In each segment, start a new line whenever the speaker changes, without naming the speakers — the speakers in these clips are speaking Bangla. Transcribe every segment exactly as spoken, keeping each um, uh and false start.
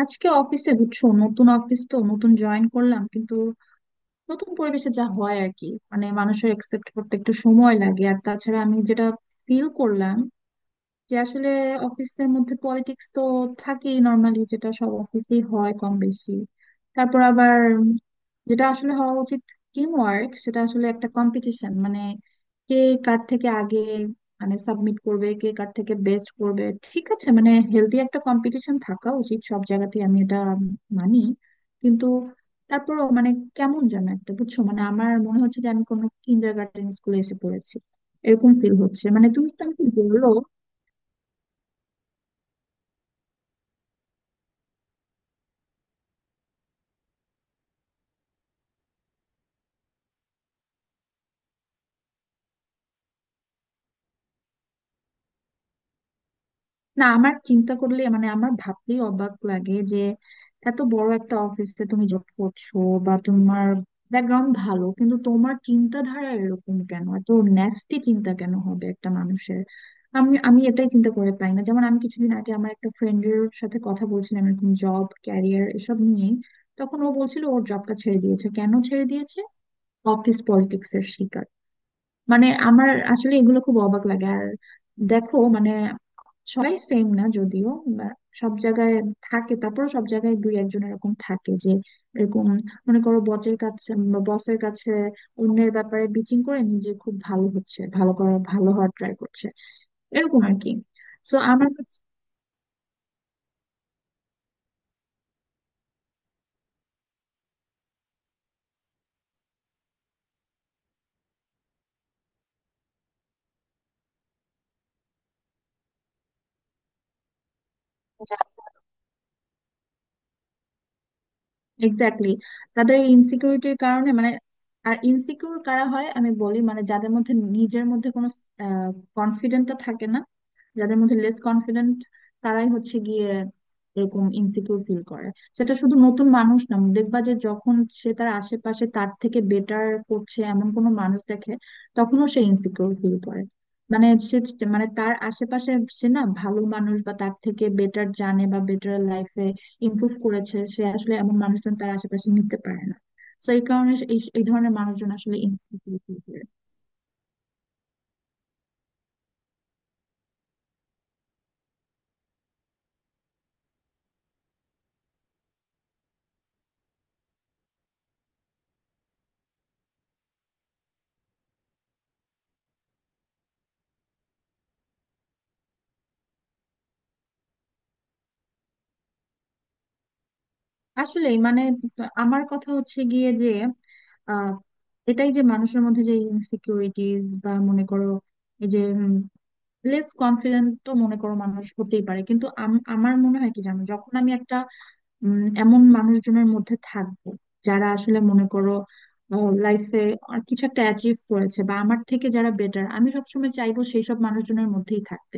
আজকে অফিসে বুঝছো, নতুন অফিস তো, নতুন জয়েন করলাম কিন্তু নতুন পরিবেশে যা হয় আর কি। মানে মানুষের একসেপ্ট করতে একটু সময় লাগে। আর তাছাড়া আমি যেটা ফিল করলাম যে আসলে অফিসের মধ্যে পলিটিক্স তো থাকেই নর্মালি, যেটা সব অফিসেই হয় কম বেশি। তারপর আবার যেটা আসলে হওয়া উচিত টিম ওয়ার্ক, সেটা আসলে একটা কম্পিটিশন। মানে কে কার থেকে আগে মানে সাবমিট করবে, কে কার থেকে বেস্ট করবে। ঠিক আছে, মানে হেলদি একটা কম্পিটিশন থাকা উচিত সব জায়গাতে, আমি এটা মানি, কিন্তু তারপরও মানে কেমন যেন একটা, বুঝছো, মানে আমার মনে হচ্ছে যে আমি কোনো কিন্ডার গার্ডেন স্কুলে এসে পড়েছি, এরকম ফিল হচ্ছে। মানে তুমি তো আমাকে বললো, না আমার চিন্তা করলে মানে আমার ভাবলেই অবাক লাগে যে এত বড় একটা অফিসে তুমি জব করছো বা তোমার ব্যাকগ্রাউন্ড ভালো, কিন্তু তোমার চিন্তাধারা এরকম কেন? এত ন্যাস্টি চিন্তা কেন হবে একটা মানুষের? আমি আমি এটাই চিন্তা করে পাই না। যেমন আমি কিছুদিন আগে আমার একটা ফ্রেন্ডের সাথে কথা বলছিলাম, এরকম জব ক্যারিয়ার এসব নিয়ে। তখন ও বলছিল ওর জবটা ছেড়ে দিয়েছে। কেন ছেড়ে দিয়েছে? অফিস পলিটিক্স এর শিকার। মানে আমার আসলে এগুলো খুব অবাক লাগে। আর দেখো মানে সবাই সেম না যদিও, বা সব জায়গায় থাকে। তারপর সব জায়গায় দুই একজন এরকম থাকে যে, এরকম, মনে করো বসের কাছে, বসের কাছে অন্যের ব্যাপারে বিচিং করে, নিজে খুব ভালো হচ্ছে, ভালো করা, ভালো হওয়ার ট্রাই করছে, এরকম আর কি। তো আমার কাছে এক্স্যাক্টলি, তাদের এই ইনসিকিউরিটির কারণে মানে। আর ইনসিকিউর কারা হয় আমি বলি, মানে যাদের মধ্যে নিজের মধ্যে কোনো কনফিডেন্টটা থাকে না, যাদের মধ্যে লেস কনফিডেন্ট, তারাই হচ্ছে গিয়ে এরকম ইনসিকিউর ফিল করে। সেটা শুধু নতুন মানুষ না, দেখবা যে যখন সে তার আশেপাশে তার থেকে বেটার করছে এমন কোনো মানুষ দেখে, তখনও সে ইনসিকিউর ফিল করে। মানে সে মানে তার আশেপাশে সে না, ভালো মানুষ বা তার থেকে বেটার জানে বা বেটার লাইফে ইমপ্রুভ করেছে, সে আসলে এমন মানুষজন তার আশেপাশে নিতে পারে না। তো এই কারণে সে- এই এই ধরনের মানুষজন আসলে ইনফ্লুয়েন্স করে। আসলে মানে ত- আমার কথা হচ্ছে গিয়ে যে আহ এটাই যে মানুষের মধ্যে যে ইনসিকিউরিটিজ বা মনে করো এই যে লেস কনফিডেন্ট, তো মনে করো মানুষ হতেই পারে, কিন্তু আম- আমার মনে হয় কি জানো, যখন আমি একটা উম, এমন মানুষজনের মধ্যে থাকবো যারা আসলে মনে করো লাইফে কিছু একটা অ্যাচিভ করেছে বা আমার থেকে যারা বেটার, আমি সবসময় চাইবো সেই সব মানুষজনের মধ্যেই থাকতে।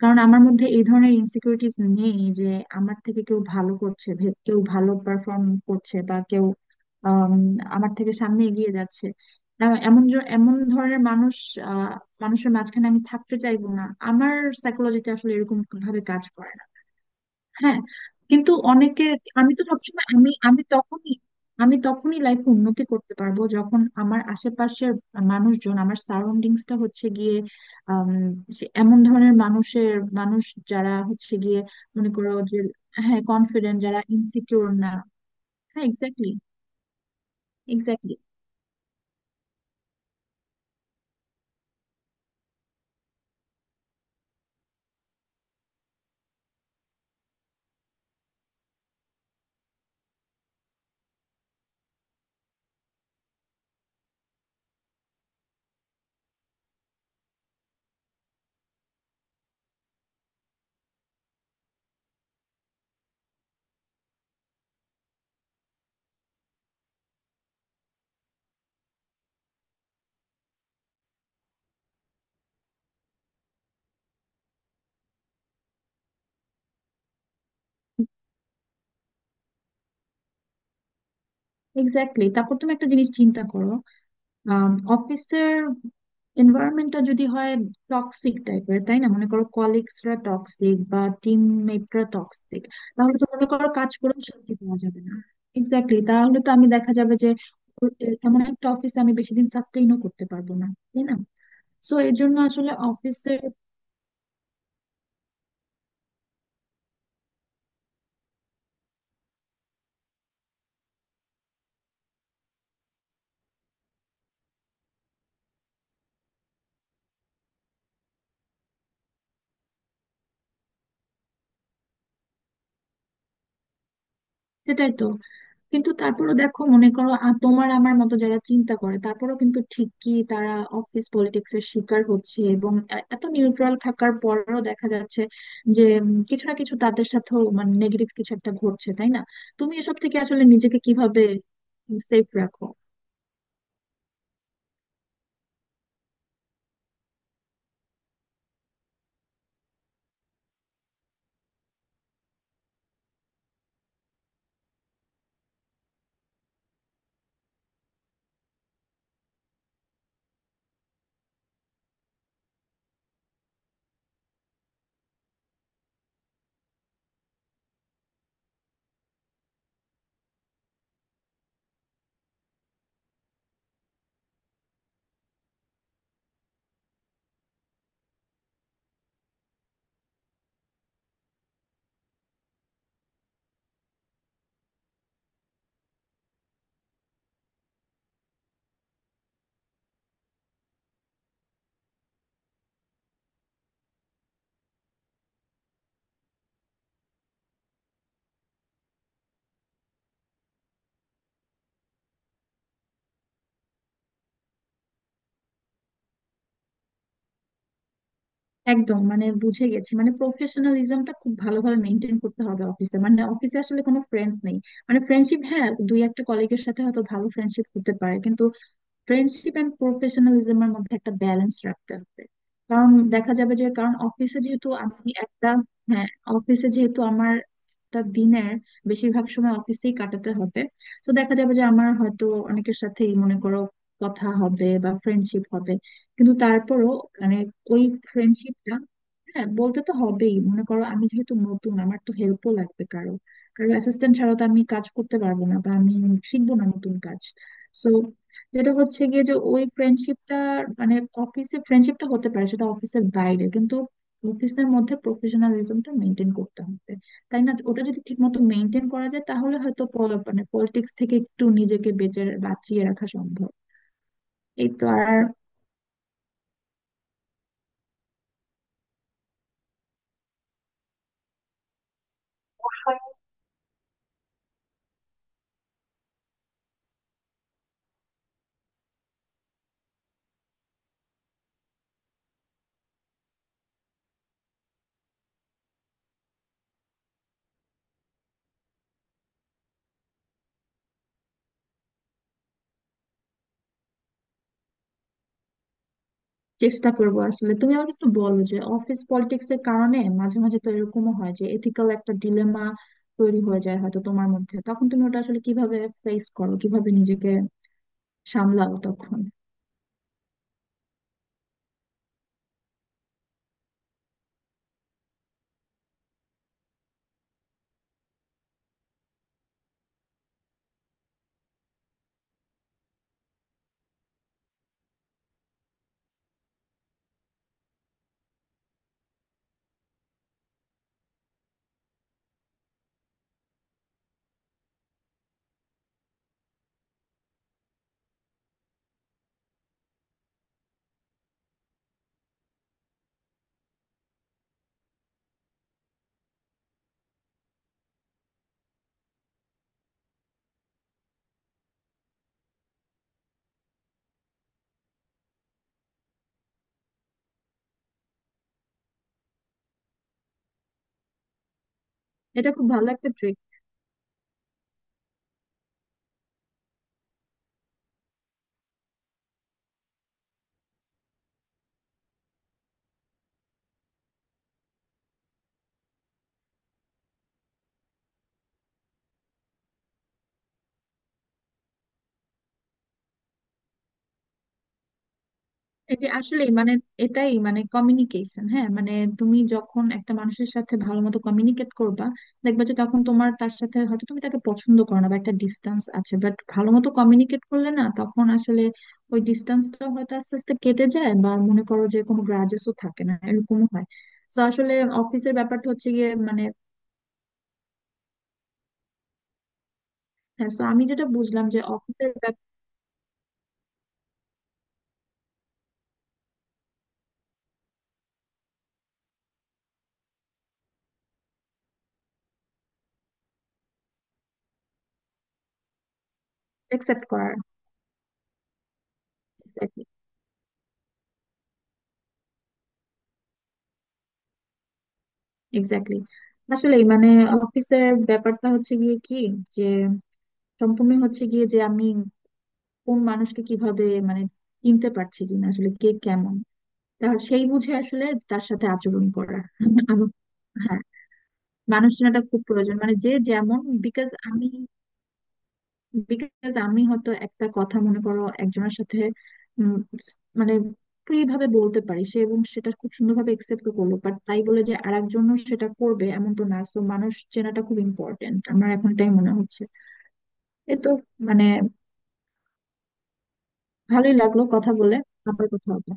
কারণ আমার মধ্যে এই ধরনের ইনসিকিউরিটিস নেই যে আমার থেকে কেউ ভালো করছে, ভে- কেউ ভালো পারফর্ম করছে বা কেউ আম, আমার থেকে সামনে এগিয়ে যাচ্ছে। এ- এমন জ- এমন ধরনের মানুষ, আহ, মানুষের মাঝখানে আমি থাকতে চাইবো না। আমার সাইকোলজিতে আসলে এরকম ভাবে কাজ করে না। হ্যাঁ, কিন্তু অনেকে, আমি তো সবসময়, আমি আমি তখনই, আমি তখনই লাইফে উন্নতি করতে পারবো যখন আমার আশেপাশের মানুষজন, আমার সারাউন্ডিংসটা হচ্ছে গিয়ে আম, সে- এমন ধরনের মানুষের মানুষ যারা হচ্ছে গিয়ে মনে করো যে, হ্যাঁ, কনফিডেন্ট, যারা ইনসিকিউর না। হ্যাঁ এক্স্যাক্টলি। এক্স্যাক্টলি এক্স্যাক্টলি তারপর তুমি একটা জিনিস চিন্তা করো, অফিসের এনভায়রনমেন্টটা যদি হয় টক্সিক টাইপের, তাই না? মনে করো কলিগসরা টক্সিক বা টিমমেটরা টক্সিক, তাহলে তো মনে করো কাজ করেও শান্তি পাওয়া যাবে না। এক্স্যাক্টলি, তাহলে তো আমি দেখা যাবে যে ও- এ- এমন একটা অফিসে আমি বেশি দিন সাস্টেইনও করতে পারবো না, তাই না? সো এর জন্য আসলে অফিসের, সেটাই তো। কিন্তু তারপরও দেখো, মনে করো আ- তোমার আমার মতো যারা চিন্তা করে, তারপরও কিন্তু ঠিকই তারা অফিস পলিটিক্স এর শিকার হচ্ছে এবং এ- এত নিউট্রাল থাকার পরেও দেখা যাচ্ছে যে উম, কিছু না কিছু তাদের সাথেও মানে নেগেটিভ কিছু একটা ঘটছে, তাই না? তুমি এসব থেকে আসলে নিজেকে কিভাবে সেফ রাখো? একদম, মানে বুঝে গেছি। মানে প্রফেশনালিজমটা খুব ভালোভাবে মেনটেন করতে হবে অফিসে। মানে অফিসে আসলে কোনো ফ্রেন্ডস নেই। মানে ফ্রেন্ডশিপ, হ্যাঁ, দুই একটা কলিগের সাথে হয়তো ভালো ফ্রেন্ডশিপ করতে পারে, কিন্তু ফ্রেন্ডশিপ এন্ড প্রফেশনালিজমের মধ্যে একটা ব্যালেন্স রাখতে হবে। কারণ দেখা যাবে যে, কারণ অফিসে যেহেতু আমি একটা, হ্যাঁ, অফিসে যেহেতু আমার একটা দিনের বেশিরভাগ সময় অফিসেই কাটাতে হবে, তো দেখা যাবে যে আমার হয়তো অনেকের সাথেই মনে করো কথা হবে বা ফ্রেন্ডশিপ হবে, কিন্তু তারপরও মানে ওই ফ্রেন্ডশিপটা, হ্যাঁ, বলতে তো হবেই। মনে করো আমি যেহেতু নতুন, আমার তো হেল্পও লাগবে কারো। কারো অ্যাসিস্ট্যান্ট ছাড়া তো আমি কাজ করতে পারবো না বা আমি শিখবো না নতুন কাজ। সো যেটা হচ্ছে গিয়ে যে ওই ফ্রেন্ডশিপটা মানে অফিসে ফ্রেন্ডশিপটা হতে পারে সেটা অফিসের বাইরে, কিন্তু অফিসের মধ্যে প্রফেশনালিজমটা মেনটেন করতে হবে, তাই না? ওটা যদি ঠিক মতো মেনটেন করা যায় তাহলে হয়তো পল- মানে পলিটিক্স থেকে একটু নিজেকে বেঁচে বাঁচিয়ে রাখা সম্ভব। এই তো আর, চেষ্টা করবো। আসলে তুমি আমাকে একটু বলো যে অফিস পলিটিক্স এর কারণে মাঝে মাঝে তো এরকমও হয় যে এথিক্যাল একটা ডিলেমা তৈরি হয়ে যায় হয়তো তোমার মধ্যে, তখন তুমি ওটা আসলে কিভাবে ফেস করো, কিভাবে নিজেকে সামলাও তখন? এটা খুব ভালো একটা ট্রিক। এই যে আসলে মানে, এটাই মানে কমিউনিকেশন। হ্যাঁ, মানে তুমি যখন একটা মানুষের সাথে ভালো মতো কমিউনিকেট করবা, দেখবা যে তখন তোমার তার সাথে, হয়তো তুমি তাকে পছন্দ করো না বা একটা ডিস্টেন্স আছে, বাট ভালো মতো কমিউনিকেট করলে না, তখন আসলে ওই ডিস্টেন্সটা হয়তো আস্তে আস্তে কেটে যায় বা মনে করো যে কোনো গ্রাজেসও থাকে না, এরকমও হয়। তো আসলে অফিসের ব্যাপারটা হচ্ছে গিয়ে মানে, হ্যাঁ, তো আমি যেটা বুঝলাম যে অফিসের, অ্যাকসেপ্ট করার, এক্স্যাক্টলি। আসলে মানে অফিসের ব্যাপারটা হচ্ছে গিয়ে কি, যে সম্পূর্ণ হচ্ছে গিয়ে যে আমি কোন মানুষকে কিভাবে মানে চিনতে পারছি কিনা, আসলে কে কেমন তার সেই বুঝে আসলে তার সাথে আচরণ করা। আমি, হ্যাঁ, মানুষ চেনাটা খুব প্রয়োজন। মানে যে যেমন, বিকজ আমি বিকজ আমি হয়তো একটা কথা মনে করো একজনের সাথে উম, মানে ফ্রি ভাবে বলতে পারি সে, এবং সেটা খুব সুন্দরভাবে একসেপ্ট করলো, বাট তাই বলে যে আর একজনও সেটা করবে এমন তো না। তো মানুষ চেনাটা খুব ইম্পর্টেন্ট, আমার এখন এটাই মনে হচ্ছে। এ তো মানে, ভালোই লাগলো কথা বলে। আবার কথা হবে।